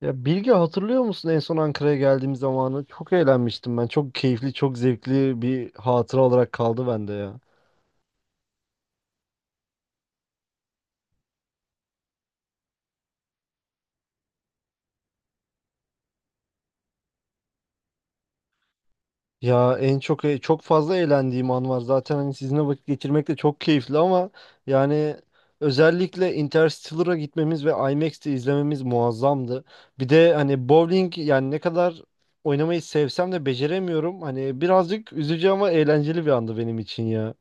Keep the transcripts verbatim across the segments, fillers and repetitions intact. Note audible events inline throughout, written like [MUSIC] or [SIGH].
Ya Bilge hatırlıyor musun en son Ankara'ya geldiğim zamanı? Çok eğlenmiştim ben. Çok keyifli, çok zevkli bir hatıra olarak kaldı bende ya. Ya en çok çok fazla eğlendiğim an var. Zaten hani sizinle vakit geçirmek de çok keyifli ama yani özellikle Interstellar'a gitmemiz ve IMAX'te izlememiz muazzamdı. Bir de hani bowling yani ne kadar oynamayı sevsem de beceremiyorum. Hani birazcık üzücü ama eğlenceli bir andı benim için ya.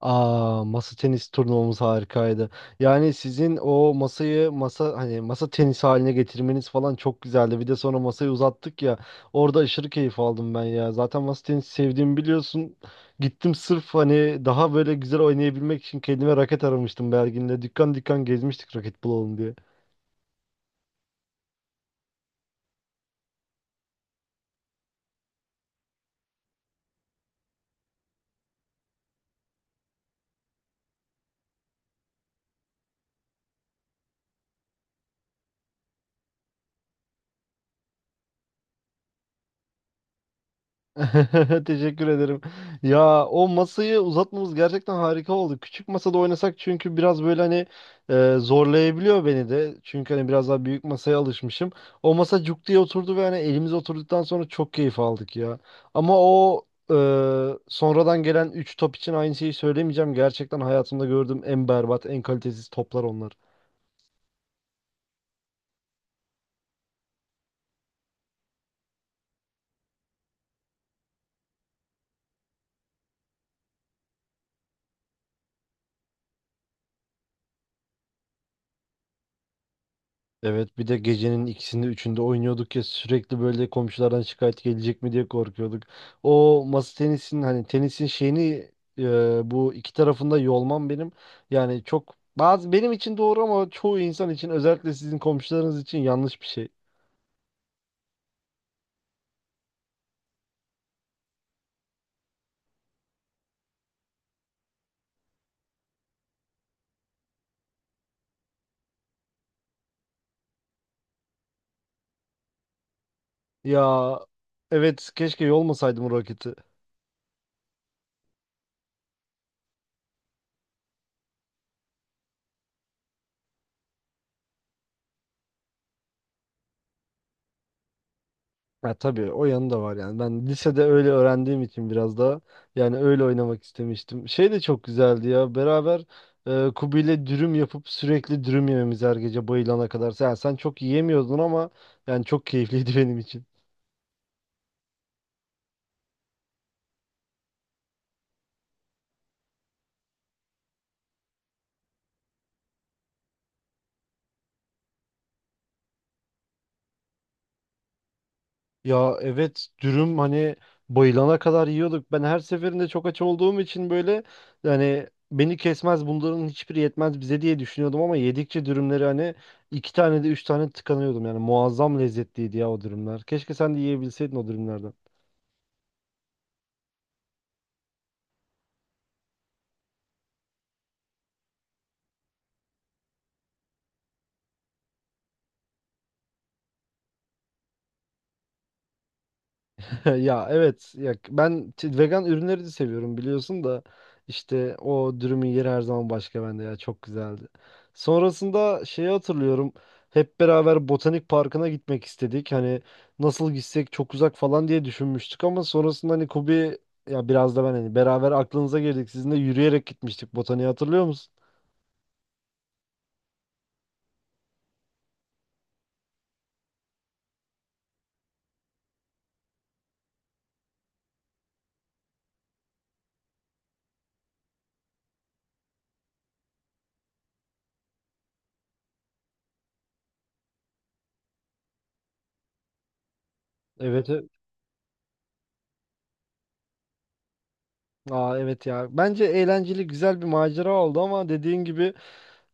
Aa, masa tenis turnuvamız harikaydı. Yani sizin o masayı masa hani masa tenisi haline getirmeniz falan çok güzeldi. Bir de sonra masayı uzattık ya. Orada aşırı keyif aldım ben ya. Zaten masa tenisi sevdiğimi biliyorsun. Gittim sırf hani daha böyle güzel oynayabilmek için kendime raket aramıştım Belgin'le. Dükkan dükkan gezmiştik raket bulalım diye. [LAUGHS] Teşekkür ederim. Ya o masayı uzatmamız gerçekten harika oldu. Küçük masada oynasak çünkü biraz böyle hani e, zorlayabiliyor beni de. Çünkü hani biraz daha büyük masaya alışmışım. O masa cuk diye oturdu ve hani elimize oturduktan sonra çok keyif aldık ya. Ama o e, sonradan gelen üç top için aynı şeyi söylemeyeceğim. Gerçekten hayatımda gördüğüm en berbat, en kalitesiz toplar onlar. Evet, bir de gecenin ikisinde üçünde oynuyorduk ya sürekli böyle komşulardan şikayet gelecek mi diye korkuyorduk. O masa tenisinin hani tenisin şeyini e, bu iki tarafında yolmam benim yani çok bazı benim için doğru ama çoğu insan için özellikle sizin komşularınız için yanlış bir şey. Ya evet, keşke yolmasaydım o raketi. Ya tabii o yanı da var yani. Ben lisede öyle öğrendiğim için biraz daha yani öyle oynamak istemiştim. Şey de çok güzeldi ya. Beraber e, Kubi ile dürüm yapıp sürekli dürüm yememiz her gece bayılana kadar. Sen, sen çok yiyemiyordun ama yani çok keyifliydi [LAUGHS] benim için. Ya evet, dürüm hani bayılana kadar yiyorduk. Ben her seferinde çok aç olduğum için böyle yani beni kesmez bunların hiçbiri yetmez bize diye düşünüyordum ama yedikçe dürümleri hani iki tane de üç tane tıkanıyordum. Yani muazzam lezzetliydi ya o dürümler. Keşke sen de yiyebilseydin o dürümlerden. [LAUGHS] Ya evet ya ben t- vegan ürünleri de seviyorum biliyorsun da işte o dürümün yeri her zaman başka bende ya, çok güzeldi. Sonrasında şeyi hatırlıyorum, hep beraber botanik parkına gitmek istedik hani nasıl gitsek çok uzak falan diye düşünmüştük ama sonrasında hani Kubi ya biraz da ben hani beraber aklınıza girdik sizinle yürüyerek gitmiştik botaniği hatırlıyor musun? Evet, e- Aa, evet ya bence eğlenceli güzel bir macera oldu ama dediğin gibi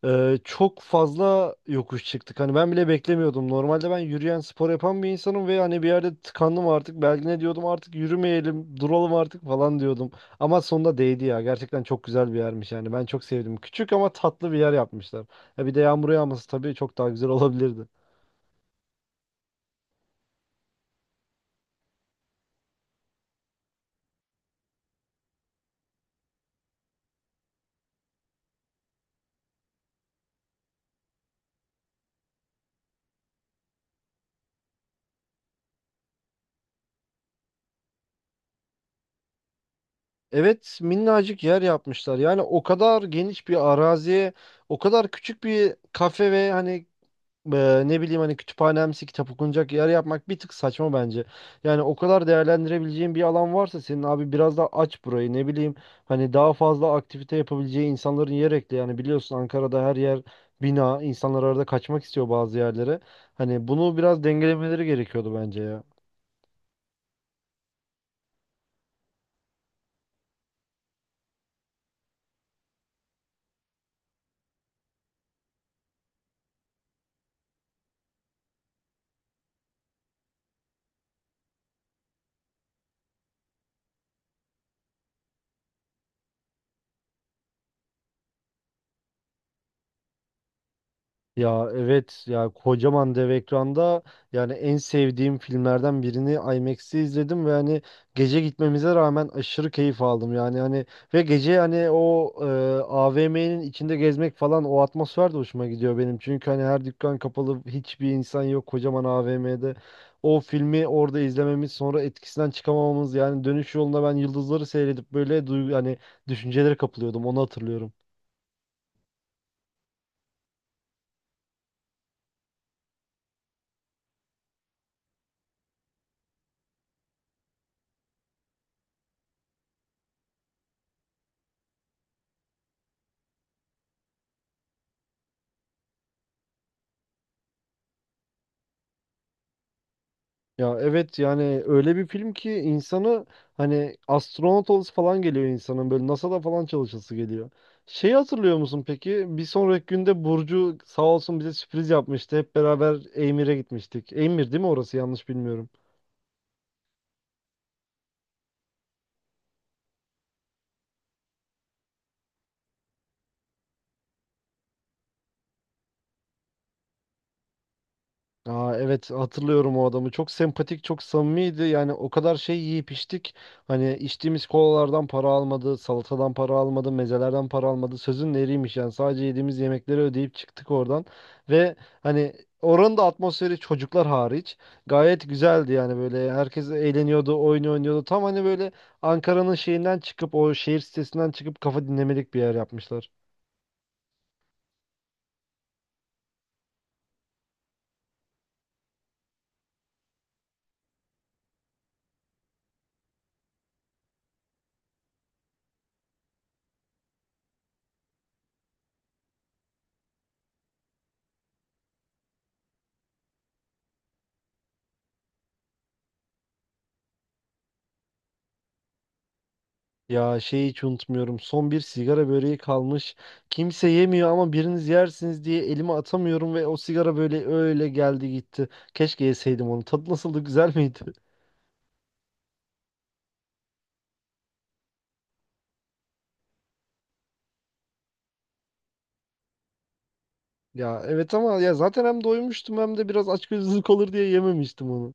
Ee, çok fazla yokuş çıktık. Hani ben bile beklemiyordum. Normalde ben yürüyen spor yapan bir insanım ve hani bir yerde tıkandım artık. Belki ne diyordum artık yürümeyelim, duralım artık falan diyordum. Ama sonunda değdi ya. Gerçekten çok güzel bir yermiş yani. Ben çok sevdim. Küçük ama tatlı bir yer yapmışlar. Ya bir de yağmur yağması tabii çok daha güzel [LAUGHS] olabilirdi. Evet, minnacık yer yapmışlar. Yani o kadar geniş bir araziye, o kadar küçük bir kafe ve hani e, ne bileyim hani kütüphanemsi kitap okunacak yer yapmak bir tık saçma bence. Yani o kadar değerlendirebileceğin bir alan varsa senin abi biraz daha aç burayı, ne bileyim hani daha fazla aktivite yapabileceği insanların yer ekle. Yani biliyorsun Ankara'da her yer bina, insanlar arada kaçmak istiyor bazı yerlere. Hani bunu biraz dengelemeleri gerekiyordu bence ya. Ya evet ya, kocaman dev ekranda yani en sevdiğim filmlerden birini IMAX'te izledim ve hani gece gitmemize rağmen aşırı keyif aldım yani hani ve gece hani o a v m'nin içinde gezmek falan, o atmosfer de hoşuma gidiyor benim çünkü hani her dükkan kapalı, hiçbir insan yok kocaman a v m'de o filmi orada izlememiz, sonra etkisinden çıkamamamız yani dönüş yolunda ben yıldızları seyredip böyle duygu hani düşüncelere kapılıyordum, onu hatırlıyorum. Ya evet yani öyle bir film ki insanı hani astronot olası falan geliyor insanın, böyle NASA'da falan çalışası geliyor. Şeyi hatırlıyor musun peki? Bir sonraki günde Burcu sağ olsun bize sürpriz yapmıştı. Hep beraber Eymir'e gitmiştik. Eymir değil mi orası, yanlış bilmiyorum. Aa, evet hatırlıyorum o adamı. Çok sempatik, çok samimiydi. Yani o kadar şey yiyip içtik. Hani içtiğimiz kolalardan para almadı, salatadan para almadı, mezelerden para almadı. Sözün eriymiş yani. Sadece yediğimiz yemekleri ödeyip çıktık oradan. Ve hani oranın da atmosferi çocuklar hariç gayet güzeldi, yani böyle herkes eğleniyordu, oyun oynuyordu. Tam hani böyle Ankara'nın şeyinden çıkıp, o şehir sitesinden çıkıp kafa dinlemelik bir yer yapmışlar. Ya şeyi hiç unutmuyorum. Son bir sigara böreği kalmış. Kimse yemiyor ama biriniz yersiniz diye elime atamıyorum ve o sigara böyle öyle geldi gitti. Keşke yeseydim onu. Tadı nasıldı, güzel miydi? [LAUGHS] Ya evet ama ya zaten hem doymuştum hem de biraz açgözlülük olur diye yememiştim onu.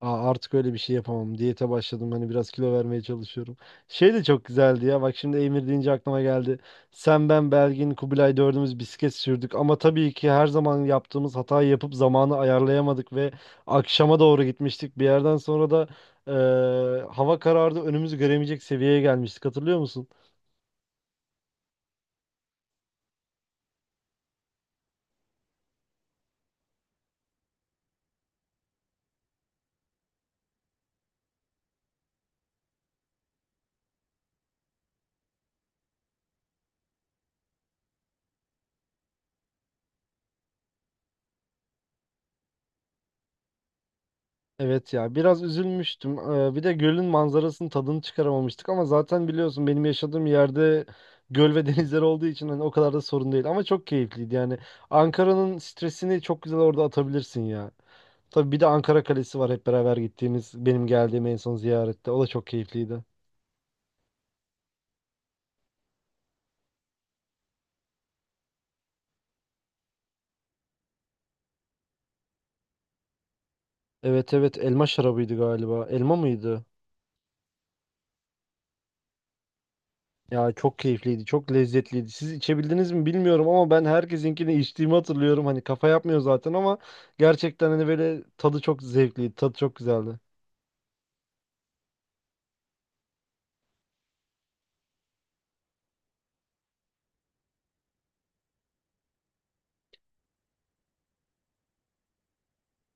Aa, artık öyle bir şey yapamam. Diyete başladım. Hani biraz kilo vermeye çalışıyorum. Şey de çok güzeldi ya. Bak şimdi Emir deyince aklıma geldi. Sen, ben, Belgin, Kubilay dördümüz bisiklet sürdük. Ama tabii ki her zaman yaptığımız hatayı yapıp zamanı ayarlayamadık ve akşama doğru gitmiştik. Bir yerden sonra da eee, hava karardı. Önümüzü göremeyecek seviyeye gelmiştik. Hatırlıyor musun? Evet ya, biraz üzülmüştüm. Ee, bir de gölün manzarasının tadını çıkaramamıştık ama zaten biliyorsun benim yaşadığım yerde göl ve [LAUGHS] denizler olduğu için hani o kadar da sorun değil ama çok keyifliydi yani. Ankara'nın stresini çok güzel orada atabilirsin ya. Tabii bir de Ankara Kalesi var, hep beraber gittiğimiz benim geldiğim en son ziyarette. O da çok keyifliydi. Evet evet, elma şarabıydı galiba. Elma mıydı? Ya çok keyifliydi, çok lezzetliydi. Siz içebildiniz mi bilmiyorum ama ben herkesinkini içtiğimi hatırlıyorum. Hani kafa yapmıyor zaten ama gerçekten hani böyle tadı çok zevkliydi, tadı çok güzeldi.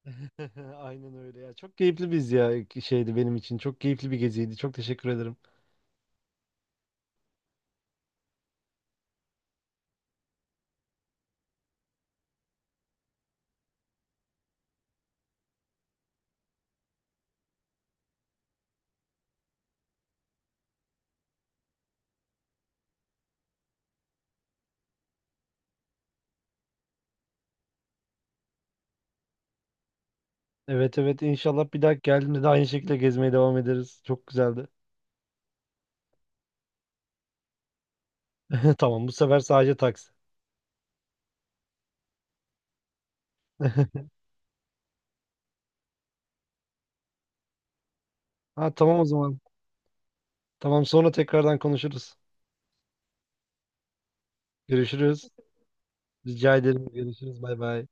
[LAUGHS] Aynen öyle ya. Çok keyifli biz ya şeydi benim için. Çok keyifli bir geziydi. Çok teşekkür ederim. Evet evet, inşallah bir daha geldiğimde de aynı şekilde gezmeye devam ederiz. Çok güzeldi. [LAUGHS] Tamam, bu sefer sadece taksi. [LAUGHS] Ha tamam, o zaman. Tamam sonra tekrardan konuşuruz. Görüşürüz. Rica ederim. Görüşürüz. Bay bay.